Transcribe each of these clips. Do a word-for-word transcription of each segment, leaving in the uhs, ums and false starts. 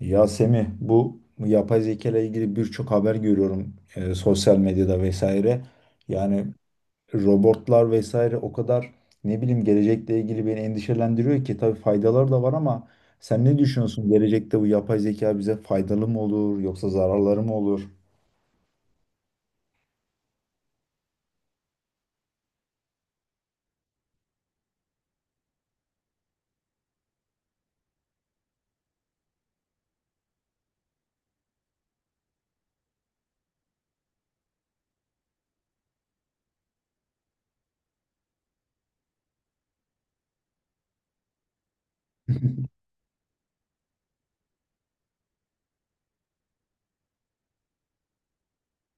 Ya Semih, bu yapay zeka ile ilgili birçok haber görüyorum, e, sosyal medyada vesaire. Yani robotlar vesaire o kadar ne bileyim, gelecekle ilgili beni endişelendiriyor ki, tabii faydaları da var ama sen ne düşünüyorsun? Gelecekte bu yapay zeka bize faydalı mı olur yoksa zararları mı olur?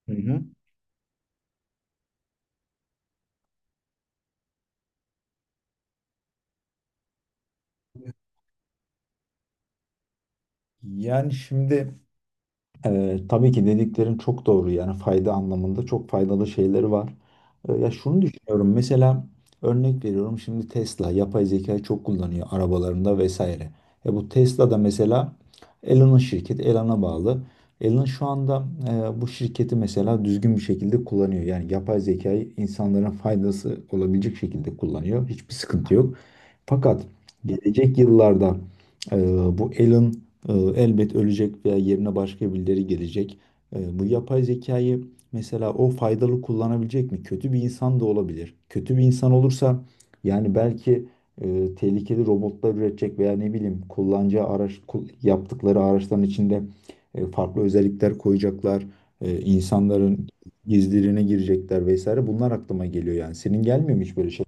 Hı hı. Yani şimdi, Ee, tabii ki dediklerin çok doğru, yani fayda anlamında çok faydalı şeyleri var. Ee, ya şunu düşünüyorum, mesela örnek veriyorum, şimdi Tesla yapay zekayı çok kullanıyor arabalarında vesaire. E bu Tesla da mesela Elon'un şirketi, Elon'a bağlı. Elon şu anda e, bu şirketi mesela düzgün bir şekilde kullanıyor. Yani yapay zekayı insanların faydası olabilecek şekilde kullanıyor. Hiçbir sıkıntı yok. Fakat gelecek yıllarda e, bu Alan e, elbet ölecek veya yerine başka birileri gelecek. E, bu yapay zekayı mesela o faydalı kullanabilecek mi? Kötü bir insan da olabilir. Kötü bir insan olursa yani belki e, tehlikeli robotlar üretecek veya ne bileyim, kullanacağı araç kul- yaptıkları araçların içinde e, farklı özellikler koyacaklar. E, insanların gizlerine girecekler vesaire. Bunlar aklıma geliyor yani. Senin gelmiyor mu hiç böyle şey?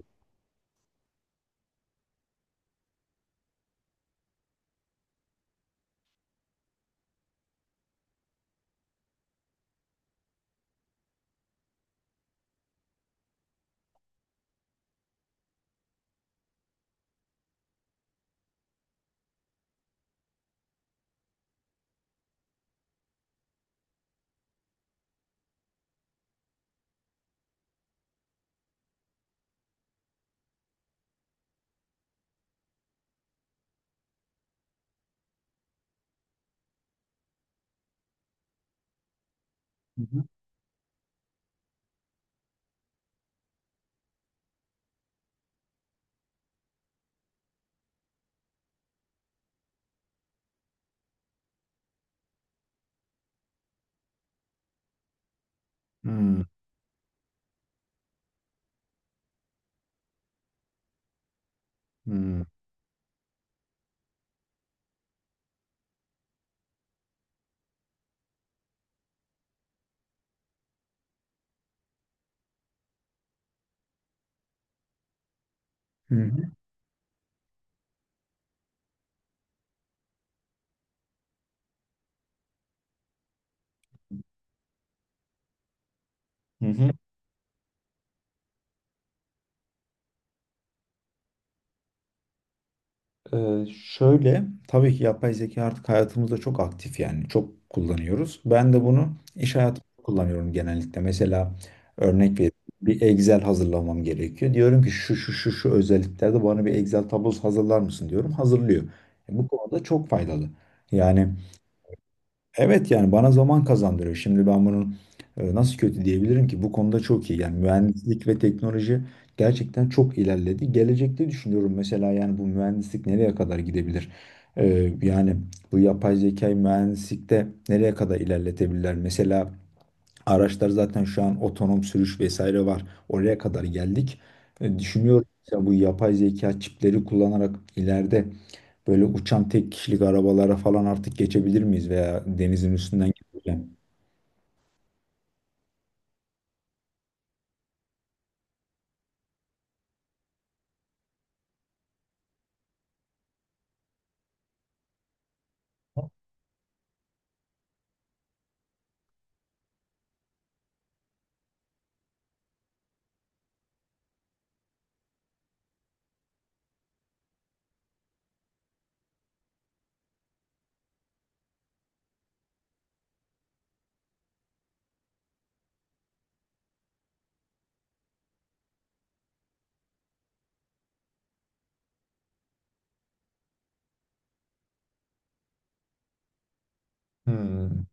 Hı hı. Hmm. Hmm. Hı hı. Hı hı. Ee, şöyle, tabii ki yapay zeka artık hayatımızda çok aktif, yani çok kullanıyoruz. Ben de bunu iş hayatımda kullanıyorum genellikle. Mesela örnek bir, bir Excel hazırlamam gerekiyor. Diyorum ki şu şu şu şu özelliklerde bana bir Excel tablosu hazırlar mısın diyorum. Hazırlıyor. E, bu konuda çok faydalı. Yani evet, yani bana zaman kazandırıyor. Şimdi ben bunun e, nasıl kötü diyebilirim ki? Bu konuda çok iyi. Yani mühendislik ve teknoloji gerçekten çok ilerledi. Gelecekte düşünüyorum mesela, yani bu mühendislik nereye kadar gidebilir? E, yani bu yapay zekayı mühendislikte nereye kadar ilerletebilirler? Mesela araçlar zaten şu an otonom sürüş vesaire var. Oraya kadar geldik. E, Düşünüyorum mesela, bu yapay zeka çipleri kullanarak ileride böyle uçan tek kişilik arabalara falan artık geçebilir miyiz veya denizin üstünden geçebilir. Hmm.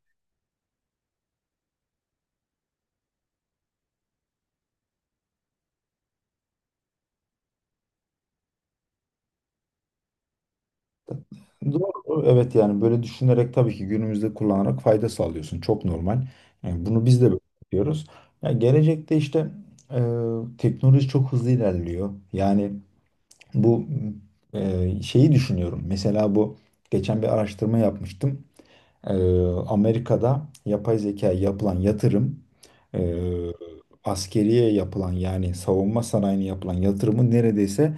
Doğru. Evet, yani böyle düşünerek tabii ki günümüzde kullanarak fayda sağlıyorsun. Çok normal. Yani bunu biz de böyle yapıyoruz. Ya gelecekte işte e, teknoloji çok hızlı ilerliyor. Yani bu e, şeyi düşünüyorum. Mesela bu geçen bir araştırma yapmıştım. Ee, Amerika'da yapay zekaya yapılan yatırım, e, askeriye yapılan, yani savunma sanayine yapılan yatırımın neredeyse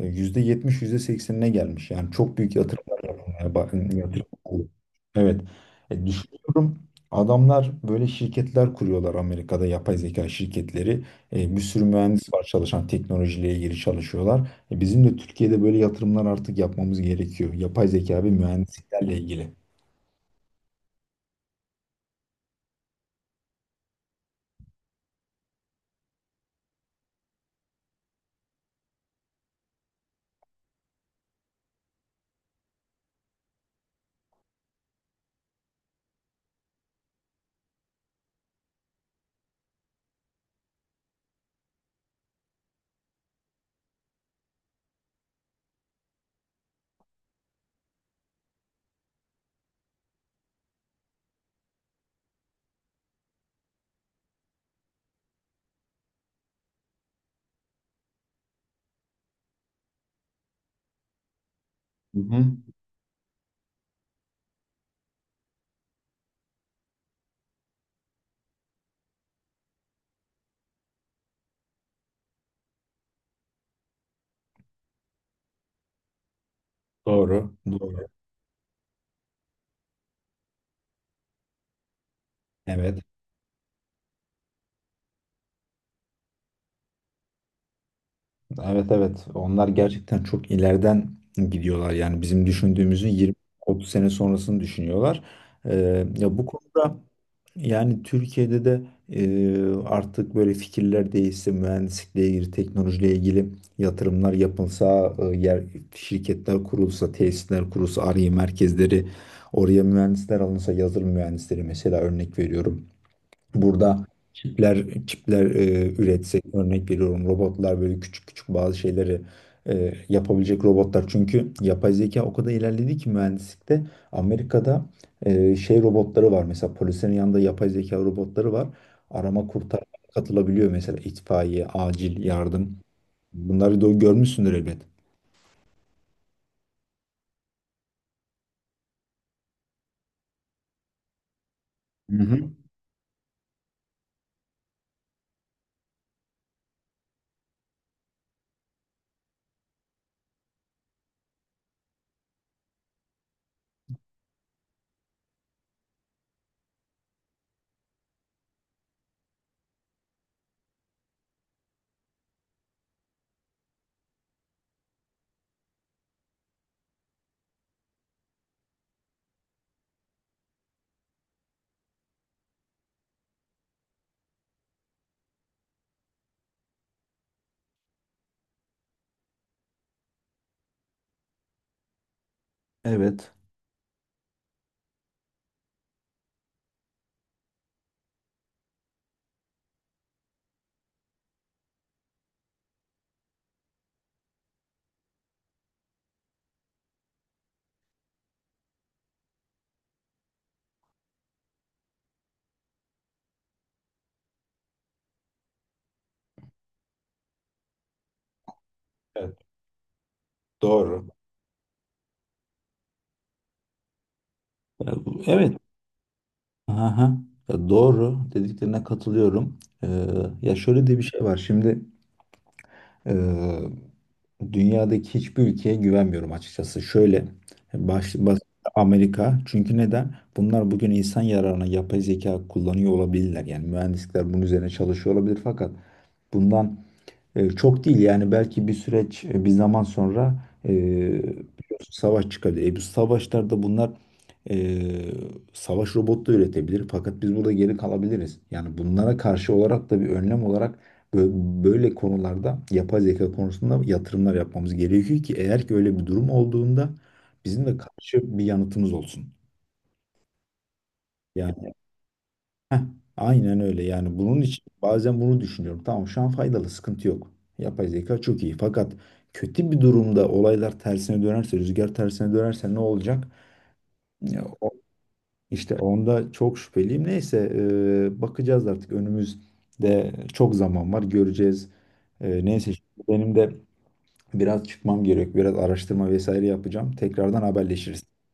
e, yüzde yetmiş yüzde seksenine gelmiş. Yani çok büyük yatırımlar yapılmaya ba- yatırım. Oluyor. Evet. E, düşünüyorum adamlar böyle şirketler kuruyorlar Amerika'da, yapay zeka şirketleri. E, bir sürü mühendis var çalışan, teknolojiyle ilgili çalışıyorlar. E, bizim de Türkiye'de böyle yatırımlar artık yapmamız gerekiyor. Yapay zeka ve mühendisliklerle ilgili. Hı hı. Doğru. Doğru. Evet. Evet, evet. Onlar gerçekten çok ileriden gidiyorlar. Yani bizim düşündüğümüzün yirmi otuz sene sonrasını düşünüyorlar. Ee, ya bu konuda yani Türkiye'de de e, artık böyle fikirler değişse, mühendislikle ilgili, teknolojiyle ilgili yatırımlar yapılsa, e, yer şirketler kurulsa, tesisler kurulsa, Ar-Ge merkezleri, oraya mühendisler alınsa, yazılım mühendisleri mesela, örnek veriyorum. Burada çipler çipler e, üretsek, örnek veriyorum robotlar, böyle küçük küçük bazı şeyleri e, yapabilecek robotlar. Çünkü yapay zeka o kadar ilerledi ki mühendislikte Amerika'da e, şey robotları var, mesela polislerin yanında yapay zeka robotları var. Arama kurtarma katılabiliyor mesela, itfaiye, acil yardım. Bunları da görmüşsündür elbet. Hı hı. Evet. Evet, doğru. Evet. Aha, ya doğru, dediklerine katılıyorum. Ee, Ya şöyle de bir şey var. Şimdi e, dünyadaki hiçbir ülkeye güvenmiyorum açıkçası. Şöyle baş, baş- Amerika. Çünkü neden? Bunlar bugün insan yararına yapay zeka kullanıyor olabilirler. Yani mühendisler bunun üzerine çalışıyor olabilir, fakat bundan e, çok değil, yani belki bir süreç, e, bir zaman sonra e, biliyorsun savaş çıkabilir. E, bu savaşlarda bunlar e, savaş robotu da üretebilir, fakat biz burada geri kalabiliriz. Yani bunlara karşı olarak da, bir önlem olarak bö- böyle konularda, yapay zeka konusunda yatırımlar yapmamız gerekiyor ki eğer ki öyle bir durum olduğunda bizim de karşı bir yanıtımız olsun. Yani aynen öyle, yani bunun için bazen bunu düşünüyorum. Tamam, şu an faydalı, sıkıntı yok. Yapay zeka çok iyi, fakat kötü bir durumda olaylar tersine dönerse, rüzgar tersine dönerse ne olacak? Ya, o- İşte onda çok şüpheliyim. Neyse, e, bakacağız artık, önümüzde çok zaman var, göreceğiz. E, neyse, şimdi benim de biraz çıkmam gerek, biraz araştırma vesaire yapacağım. Tekrardan haberleşiriz.